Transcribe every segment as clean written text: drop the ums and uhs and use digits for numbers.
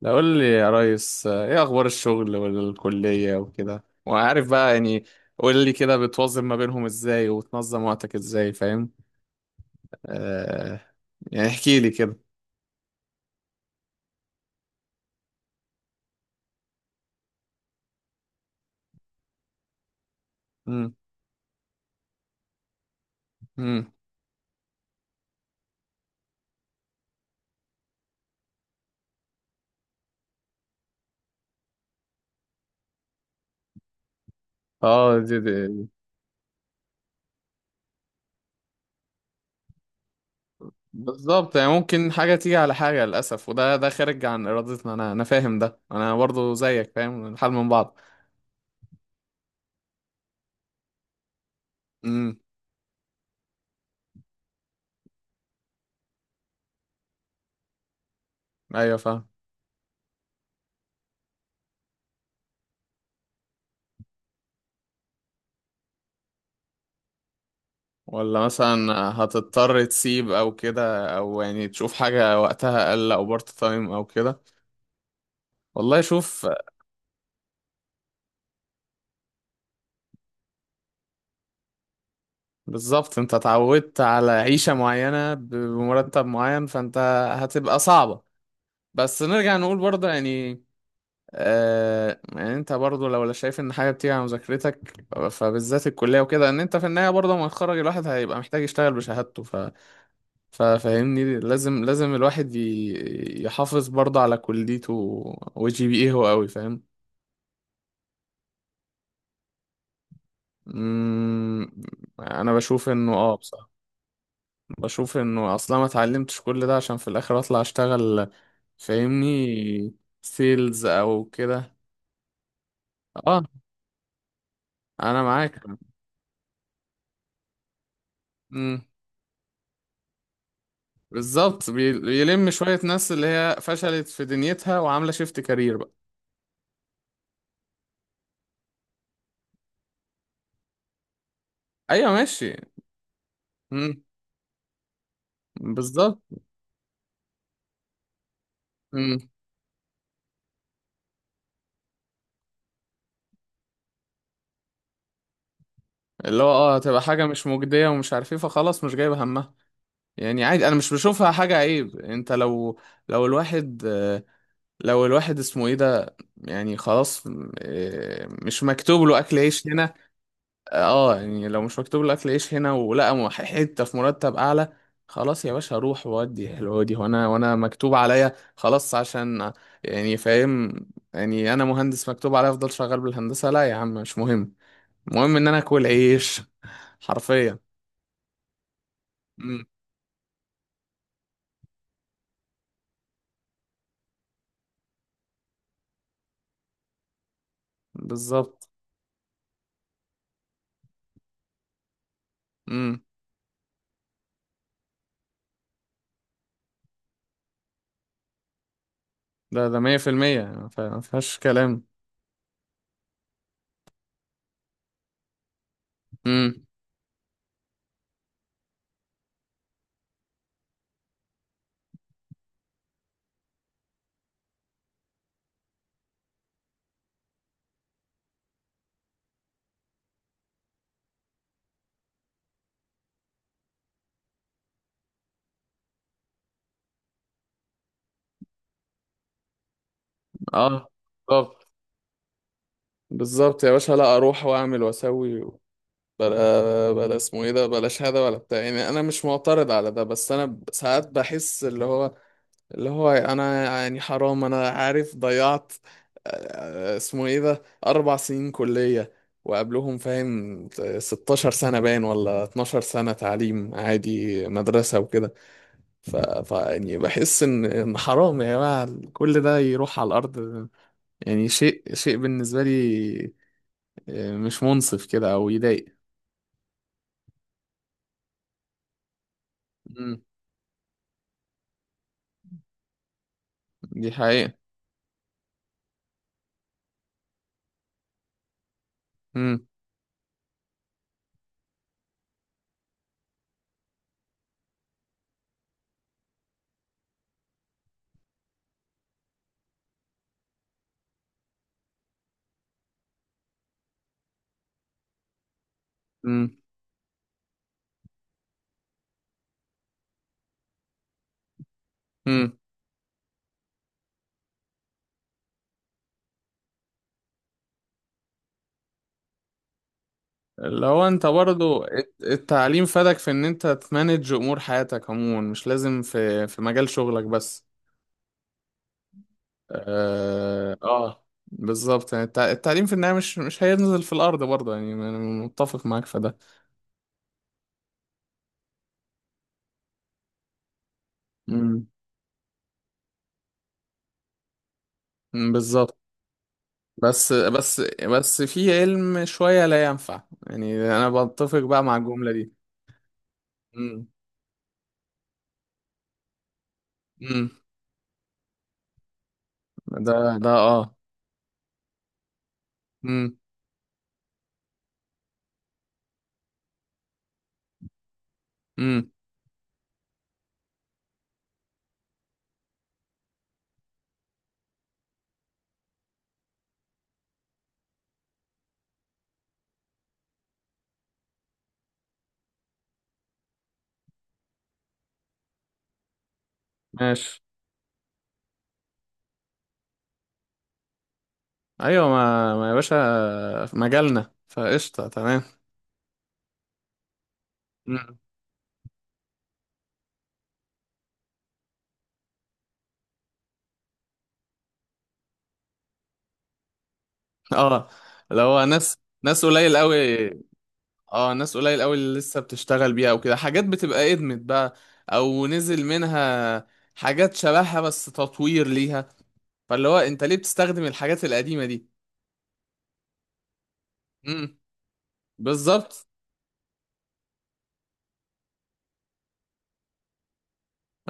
لا قول لي يا ريس ايه اخبار الشغل والكلية وكده وعارف بقى يعني. قول لي كده بتوظف ما بينهم ازاي وتنظم وقتك ازاي؟ فاهم. آه. يعني احكي لي كده. امم. امم. اه دي. بالظبط، يعني ممكن حاجة تيجي على حاجة للأسف، وده ده خارج عن إرادتنا. أنا فاهم ده، أنا برضو زيك فاهم الحال من بعض. امم. ايوه فاهم. ولا مثلا هتضطر تسيب او كده، او يعني تشوف حاجة وقتها اقل او بارت تايم او كده. والله شوف. بالظبط، انت اتعودت على عيشة معينة بمرتب معين، فانت هتبقى صعبة. بس نرجع نقول برضه يعني آه، يعني انت برضه لو لا شايف ان حاجة بتيجي على مذاكرتك، فبالذات الكلية وكده، ان انت في النهاية برضه لما يتخرج الواحد هيبقى محتاج يشتغل بشهادته. ففاهمني، لازم لازم الواحد يحافظ برضه على كليته وجي بي ايه هو قوي. فاهم. مم، انا بشوف انه اه بصراحة بشوف انه اصلا ما اتعلمتش كل ده عشان في الاخر اطلع اشتغل. فاهمني. سيلز او كده. اه، انا معاك. امم. بالظبط، بيلم شوية ناس اللي هي فشلت في دنيتها وعاملة شيفت كارير بقى. ايوه ماشي. امم. بالظبط. امم. اللي هو اه هتبقى حاجة مش مجدية ومش عارف ايه، فخلاص مش جايبة همها. يعني عادي، انا مش بشوفها حاجة عيب. انت لو، لو الواحد لو الواحد اسمه ايه ده، يعني خلاص، مش مكتوب له اكل عيش هنا. اه يعني لو مش مكتوب لك عيش هنا ولقى حته في مرتب اعلى، خلاص يا باشا اروح وادي حلوه دي، وانا وانا مكتوب عليا خلاص عشان يعني فاهم. يعني انا مهندس مكتوب عليا افضل شغال بالهندسه؟ لا يا عم، مش مهم، المهم ان انا اكل عيش، حرفيا. امم. بالظبط. امم. ده ده 100%. ما ما فيهاش كلام. امم. اه. بالظبط. بالظبط يا باشا، لا اروح واعمل واسوي بلا بلا اسمه ايه ده بلاش هذا ولا بتاع. يعني انا مش معترض على ده، بس انا ساعات بحس اللي هو اللي هو انا يعني حرام، انا عارف ضيعت، اسمه ايه ده، 4 سنين كلية وقبلهم فاهم، 16 سنة باين، ولا 12 سنة تعليم عادي مدرسة وكده. ف... ف يعني بحس ان ان حرام يا جماعة كل ده يروح على الارض. يعني شيء شيء بالنسبة لي مش منصف كده او يضايق. مم. دي حقيقة. امم. امم. امم. اللي هو انت برضو التعليم فادك في ان انت تمانج امور حياتك عموما، مش لازم في في مجال شغلك بس. اه، آه بالظبط. يعني التعليم في النهاية مش مش هينزل في الارض برضه، يعني انا متفق معاك في ده. امم. أمم، بالظبط. بس في علم شوية لا ينفع، يعني انا بتفق بقى مع الجملة دي. امم. امم. ده ده اه. امم. امم. ماشي. ايوه، ما يا باشا في مجالنا فقشطه تمام. مم. اه، اللي هو ناس ناس قليل قوي. اه ناس قليل قوي اللي لسه بتشتغل بيها او كده، حاجات بتبقى ادمت بقى او نزل منها حاجات شبهها بس تطوير ليها، فاللي هو انت ليه بتستخدم الحاجات القديمه دي؟ امم. بالظبط.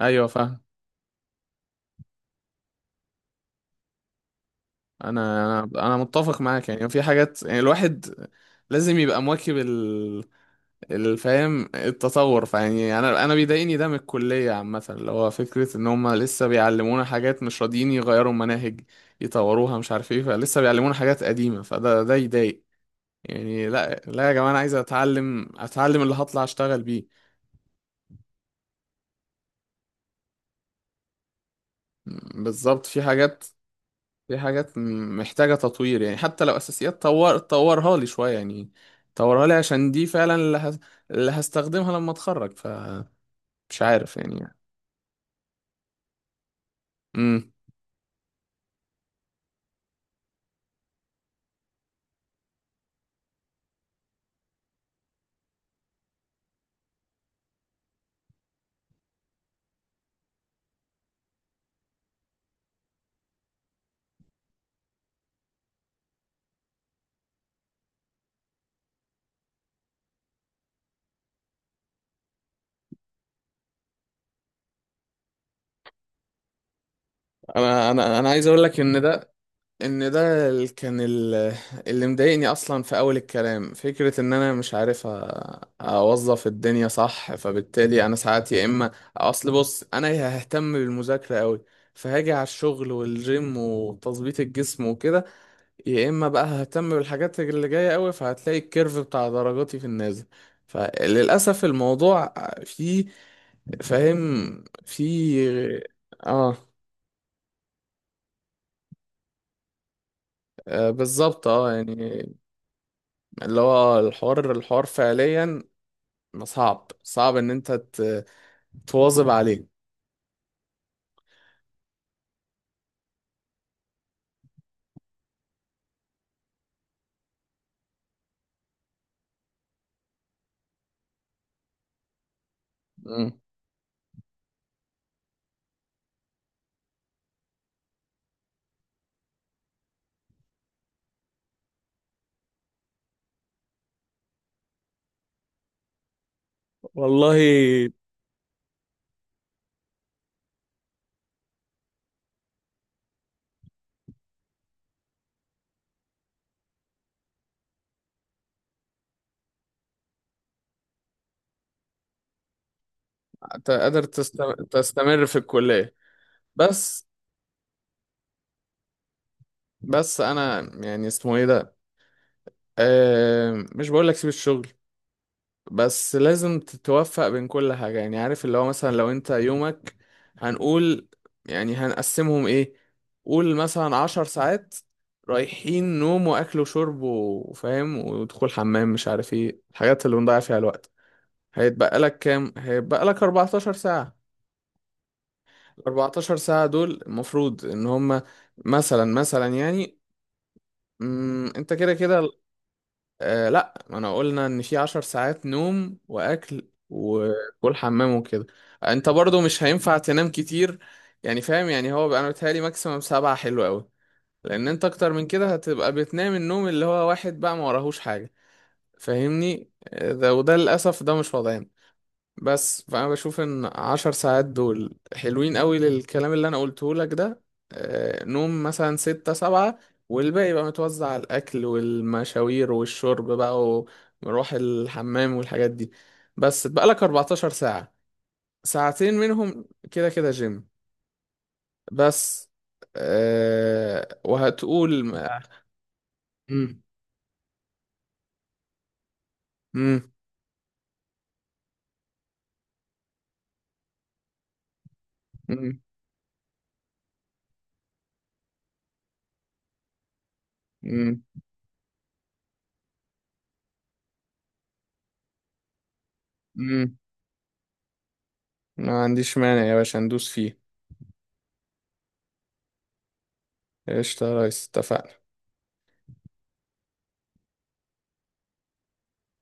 ايوه فاهم. انا متفق معاك، يعني في حاجات يعني الواحد لازم يبقى مواكب الفهم التطور. فيعني انا بيضايقني ده من الكليه عامه، اللي هو فكره ان هم لسه بيعلمونا حاجات، مش راضيين يغيروا مناهج يطوروها مش عارف ايه، فلسه بيعلمونا حاجات قديمه، فده ده يضايق. يعني لا لا يا جماعه، انا عايز اتعلم اتعلم اللي هطلع اشتغل بيه. بالظبط، في حاجات في حاجات محتاجه تطوير، يعني حتى لو اساسيات، طور طورها لي شويه يعني، طورها لي عشان دي فعلا اللي هستخدمها لما اتخرج، فمش عارف يعني. امم. انا عايز اقول لك ان ده، ان ده اللي مضايقني اصلا في اول الكلام فكرة ان انا مش عارف اوظف الدنيا صح، فبالتالي انا ساعات يا اما اصل بص انا ههتم بالمذاكرة قوي، فهاجي على الشغل والجيم وتظبيط الجسم وكده، يا اما بقى ههتم بالحاجات اللي جاية قوي فهتلاقي الكيرف بتاع درجاتي في النازل. فللاسف الموضوع فيه فاهم فيه. اه. بالظبط اه يعني، اللي هو الحوار الحوار فعليا ما صعب صعب ان انت تواظب عليه. مم. والله ت- قادر تست- تستمر في الكلية. بس بس انا يعني اسمه ايه ده، أه مش بقول لك سيب الشغل، بس لازم تتوفق بين كل حاجة. يعني عارف اللي هو مثلا لو انت يومك هنقول يعني هنقسمهم ايه، قول مثلا 10 ساعات رايحين نوم واكل وشرب وفاهم ودخول حمام مش عارف ايه الحاجات اللي بنضيع فيها الوقت، هيتبقى لك كام؟ هيتبقى لك 14 ساعة. ال 14 ساعة دول المفروض ان هما مثلا مثلا يعني، مم، انت كده كده، آه لا ما انا قلنا ان في 10 ساعات نوم واكل وكل حمام وكده. انت برضو مش هينفع تنام كتير، يعني فاهم يعني هو بقى انا بتهيألي ماكسيمم 7 حلو قوي، لان انت اكتر من كده هتبقى بتنام النوم اللي هو واحد بقى ما وراهوش حاجة. فاهمني ده وده للاسف ده مش وضعنا. بس فأنا بشوف إن 10 ساعات دول حلوين قوي للكلام اللي أنا قلته لك ده، نوم مثلا 6 7، والباقي بقى متوزع على الأكل والمشاوير والشرب بقى ومروح الحمام والحاجات دي. بس بقالك 14 ساعة، 2 ساعة منهم كده كده جيم. بس أه وهتقول ما. مم. مم. مم. مم. مم. ما عنديش مانع يا باشا ندوس فيه. قشطة يا ريس اتفقنا.